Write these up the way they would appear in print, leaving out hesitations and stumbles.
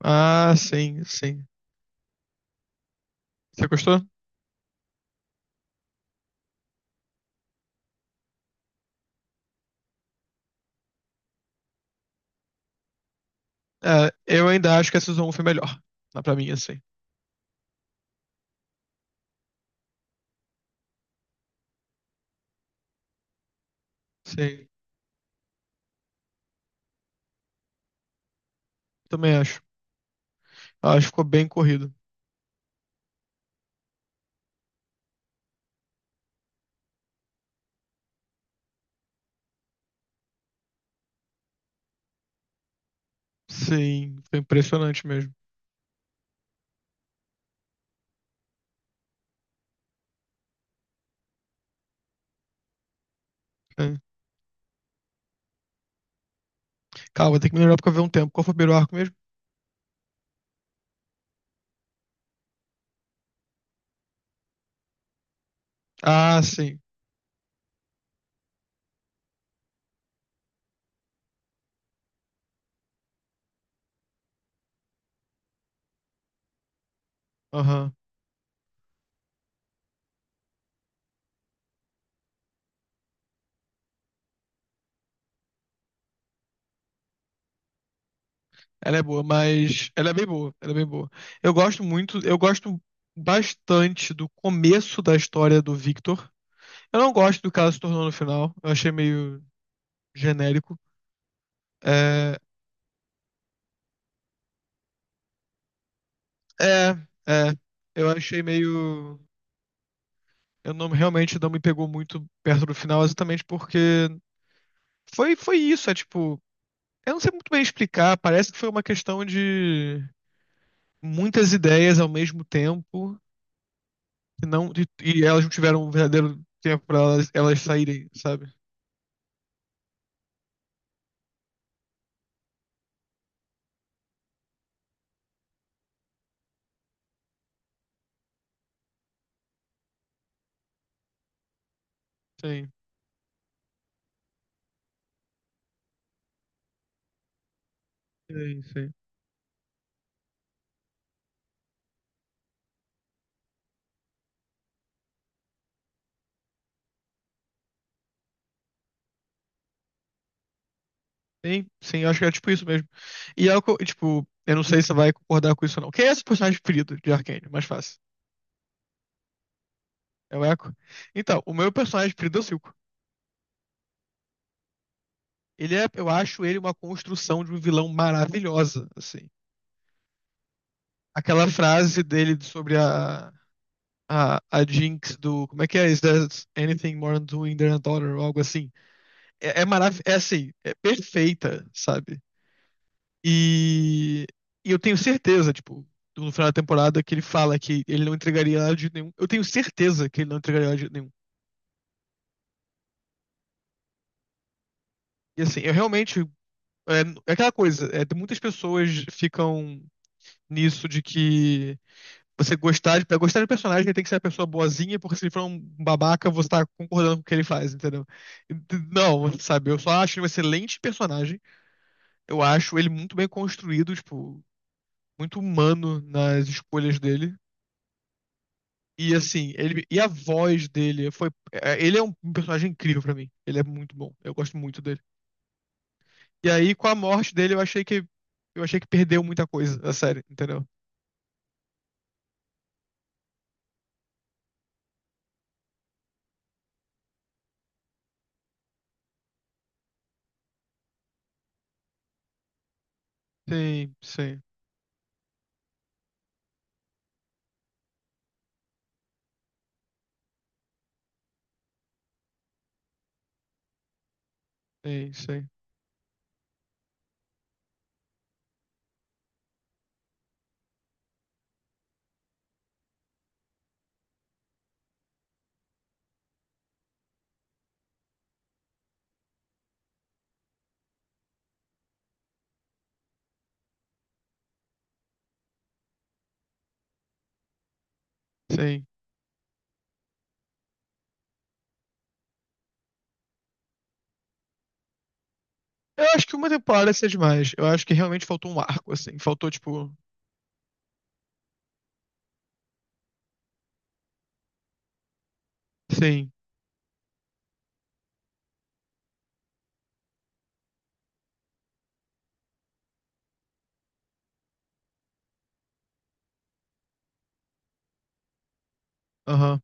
Ah, sim, sim. Você gostou? É, eu ainda acho que a Season 1 foi melhor. Ah, pra mim, assim. Sim, também acho. Acho que ficou bem corrido. Sim, foi impressionante mesmo. É. Calma, tem que melhorar porque eu vi um tempo. Qual foi o primeiro arco mesmo? Ah, sim. Aham. Ela é boa, mas ela é bem boa. Ela é bem boa. Eu gosto muito, eu gosto bastante do começo da história do Victor. Eu não gosto do que ela se tornou no final. Eu achei meio genérico. É, é, é. Eu achei meio. Eu não realmente não me pegou muito perto do final, exatamente porque foi isso. É tipo, eu não sei muito bem explicar. Parece que foi uma questão de muitas ideias ao mesmo tempo e não e elas não tiveram um verdadeiro tempo para elas saírem, sabe? Sim, sim, sim. Sim, sim, eu acho que é tipo isso mesmo. E é o que tipo, eu não sei se você vai concordar com isso ou não. Quem é esse personagem preferido de Arcane? Mais fácil. É o Echo? Então, o meu personagem preferido é o Silco. Ele é, eu acho ele uma construção de um vilão maravilhosa, assim. Aquela frase dele sobre a Jinx do. Como é que é? Is there anything more than doing than a daughter? Ou algo assim. É, é maravilhoso. É assim, é perfeita, sabe? E, e eu tenho certeza, tipo, no final da temporada que ele fala que ele não entregaria ela de nenhum. Eu tenho certeza que ele não entregaria ela de nenhum. E assim, eu realmente. É, é aquela coisa, é, muitas pessoas ficam nisso de que você gostar de, pra gostar de personagem, ele tem que ser uma pessoa boazinha, porque se ele for um babaca, você tá concordando com o que ele faz, entendeu? Não, sabe, eu só acho ele um excelente personagem. Eu acho ele muito bem construído, tipo, muito humano nas escolhas dele. E assim, ele e a voz dele foi, é, ele é um personagem incrível pra mim. Ele é muito bom. Eu gosto muito dele. E aí com a morte dele, eu achei que perdeu muita coisa da série, entendeu? Sim, sim, sim, sim, sim. Eu acho que uma temporada seria demais. Eu acho que realmente faltou um arco, assim. Faltou, tipo. Sim, aham,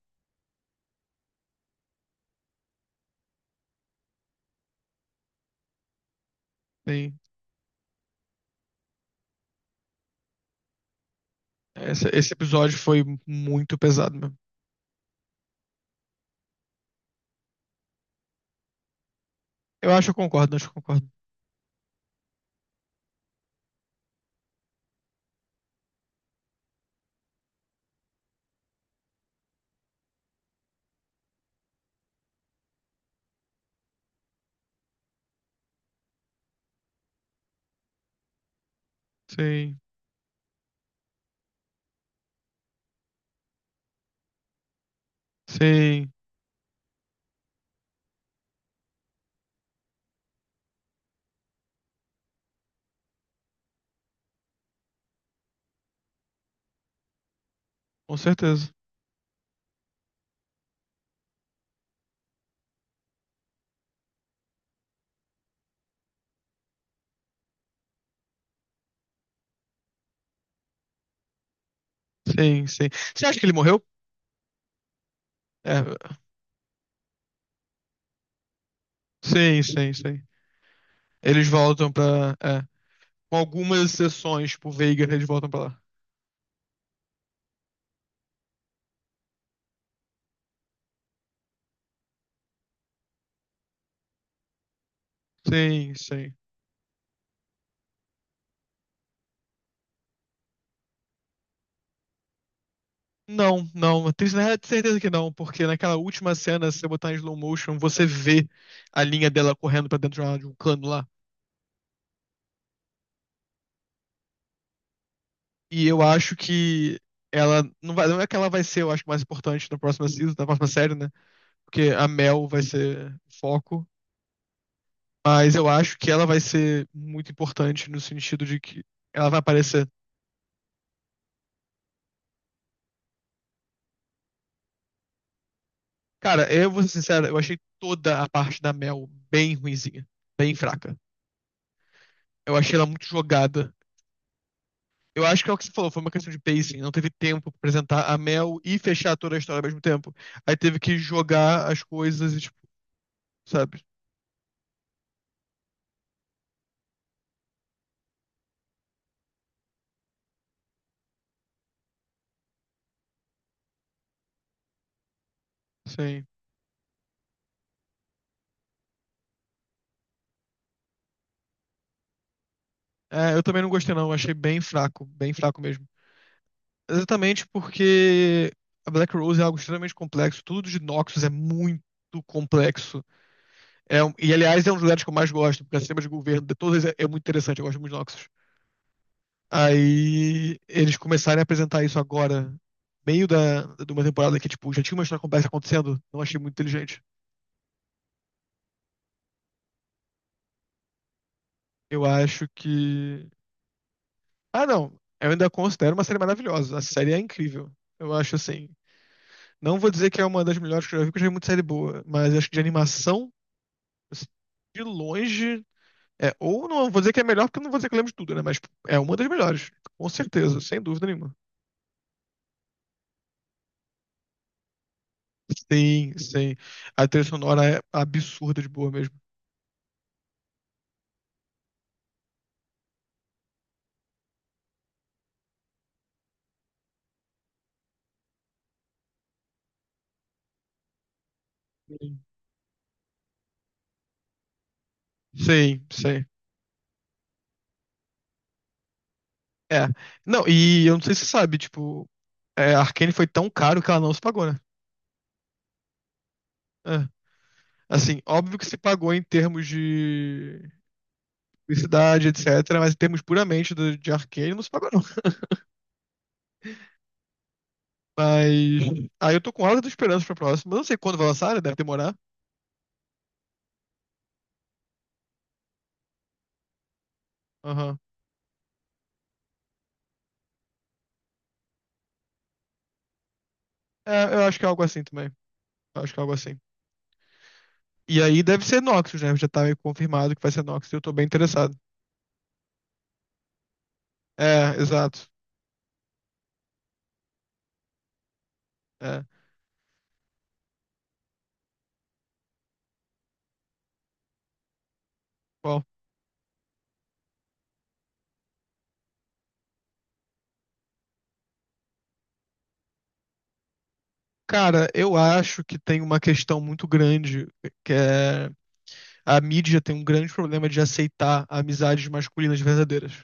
sim. Esse episódio foi muito pesado mesmo. Eu acho que eu concordo, acho que eu concordo. Sim, sim, com certeza. Sim, sim. Você acha que ele morreu? É. Sim, sim, sim. Eles voltam pra. É. Com algumas exceções, tipo, Veiga, eles voltam pra lá. Sim, sim. Não, não, tenho certeza que não, porque naquela última cena, se você botar em slow motion, você vê a linha dela correndo pra dentro de de um cano lá. E eu acho que ela não vai, não é que ela vai ser, eu acho, mais importante na próxima season, na próxima série, né? Porque a Mel vai ser o foco, mas eu acho que ela vai ser muito importante no sentido de que ela vai aparecer. Cara, eu vou ser sincero, eu achei toda a parte da Mel bem ruinzinha, bem fraca. Eu achei ela muito jogada. Eu acho que é o que você falou, foi uma questão de pacing. Não teve tempo pra apresentar a Mel e fechar toda a história ao mesmo tempo. Aí teve que jogar as coisas e, tipo, sabe? Sim. É, eu também não gostei, não. Eu achei bem fraco mesmo. Exatamente porque a Black Rose é algo extremamente complexo. Tudo de Noxus é muito complexo. É, e, aliás, é um dos lugares que eu mais gosto, porque o sistema de governo de todas é muito interessante. Eu gosto muito de Noxus. Aí eles começarem a apresentar isso agora, meio de uma temporada que, tipo, já tinha uma história complexa acontecendo, não achei muito inteligente. Eu acho que. Ah, não. Eu ainda considero uma série maravilhosa. A série é incrível. Eu acho assim. Não vou dizer que é uma das melhores que eu já vi, porque eu já vi muita série boa, mas acho que de animação, assim, de longe. É, ou não vou dizer que é melhor, porque eu não vou dizer que eu lembro de tudo, né? Mas tipo, é uma das melhores. Com certeza, sem dúvida nenhuma. Sim, sim. A trilha sonora é absurda de boa mesmo. Sim, sim. É. Não, e eu não sei se você sabe, tipo, é, a Arcane foi tão caro que ela não se pagou, né? É. Assim, óbvio que se pagou em termos de publicidade, etc., mas em termos puramente de Arcane não se pagou, não. Mas. Aí eu tô com alta esperança pra próxima. Eu não sei quando vai lançar, né? Deve demorar. Aham. É, eu acho que é algo assim também. Eu acho que é algo assim. E aí deve ser Noxus, né? Já tá meio confirmado que vai ser Noxus, eu tô bem interessado. É, exato. É. Bom. Cara, eu acho que tem uma questão muito grande, que é a mídia tem um grande problema de aceitar amizades masculinas verdadeiras.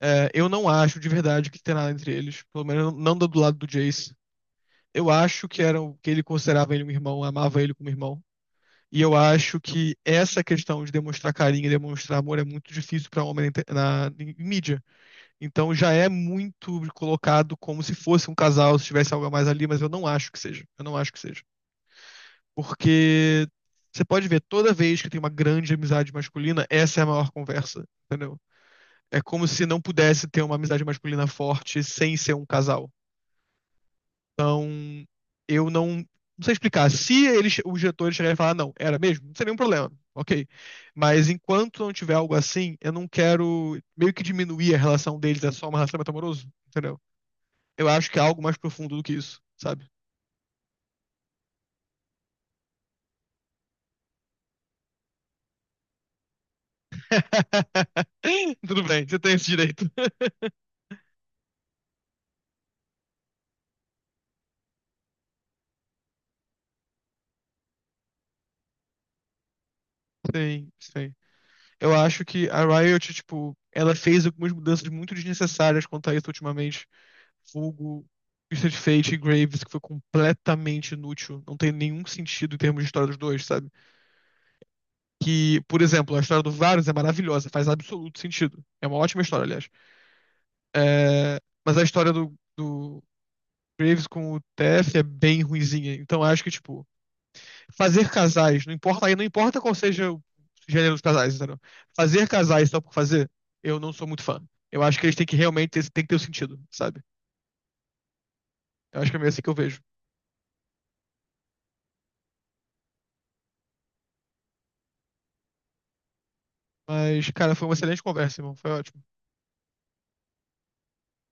É, eu não acho de verdade que tem nada entre eles, pelo menos não do lado do Jace. Eu acho que era que ele considerava ele um irmão, amava ele como irmão. E eu acho que essa questão de demonstrar carinho e demonstrar amor é muito difícil para homem na, em mídia. Então já é muito colocado como se fosse um casal, se tivesse algo a mais ali, mas eu não acho que seja. Eu não acho que seja. Porque você pode ver, toda vez que tem uma grande amizade masculina, essa é a maior conversa, entendeu? É como se não pudesse ter uma amizade masculina forte sem ser um casal. Então, eu não sei explicar. Se eles, os diretores chegarem e falar, "Ah, não, era mesmo, não seria nenhum problema, ok. Mas enquanto não tiver algo assim, eu não quero meio que diminuir a relação deles, é só um relacionamento amoroso, entendeu? Eu acho que é algo mais profundo do que isso, sabe? Tudo bem, você tem esse direito. Sim, sim. Eu acho que a Riot, tipo, ela fez algumas mudanças muito desnecessárias quanto a isso ultimamente. Vulgo, Twisted Fate e Graves, que foi completamente inútil. Não tem nenhum sentido em termos de história dos dois, sabe? Que, por exemplo, a história do Varus é maravilhosa, faz absoluto sentido. É uma ótima história, aliás. É, mas a história do Graves com o TF é bem ruinzinha. Então acho que, tipo, fazer casais, não importa, aí não importa qual seja o gênero dos casais, entendeu? Fazer casais só por fazer, eu não sou muito fã. Eu acho que eles têm que realmente ter, tem que ter o sentido, sabe? Eu acho que é meio assim que eu vejo. Mas, cara, foi uma excelente conversa, irmão. Foi ótimo.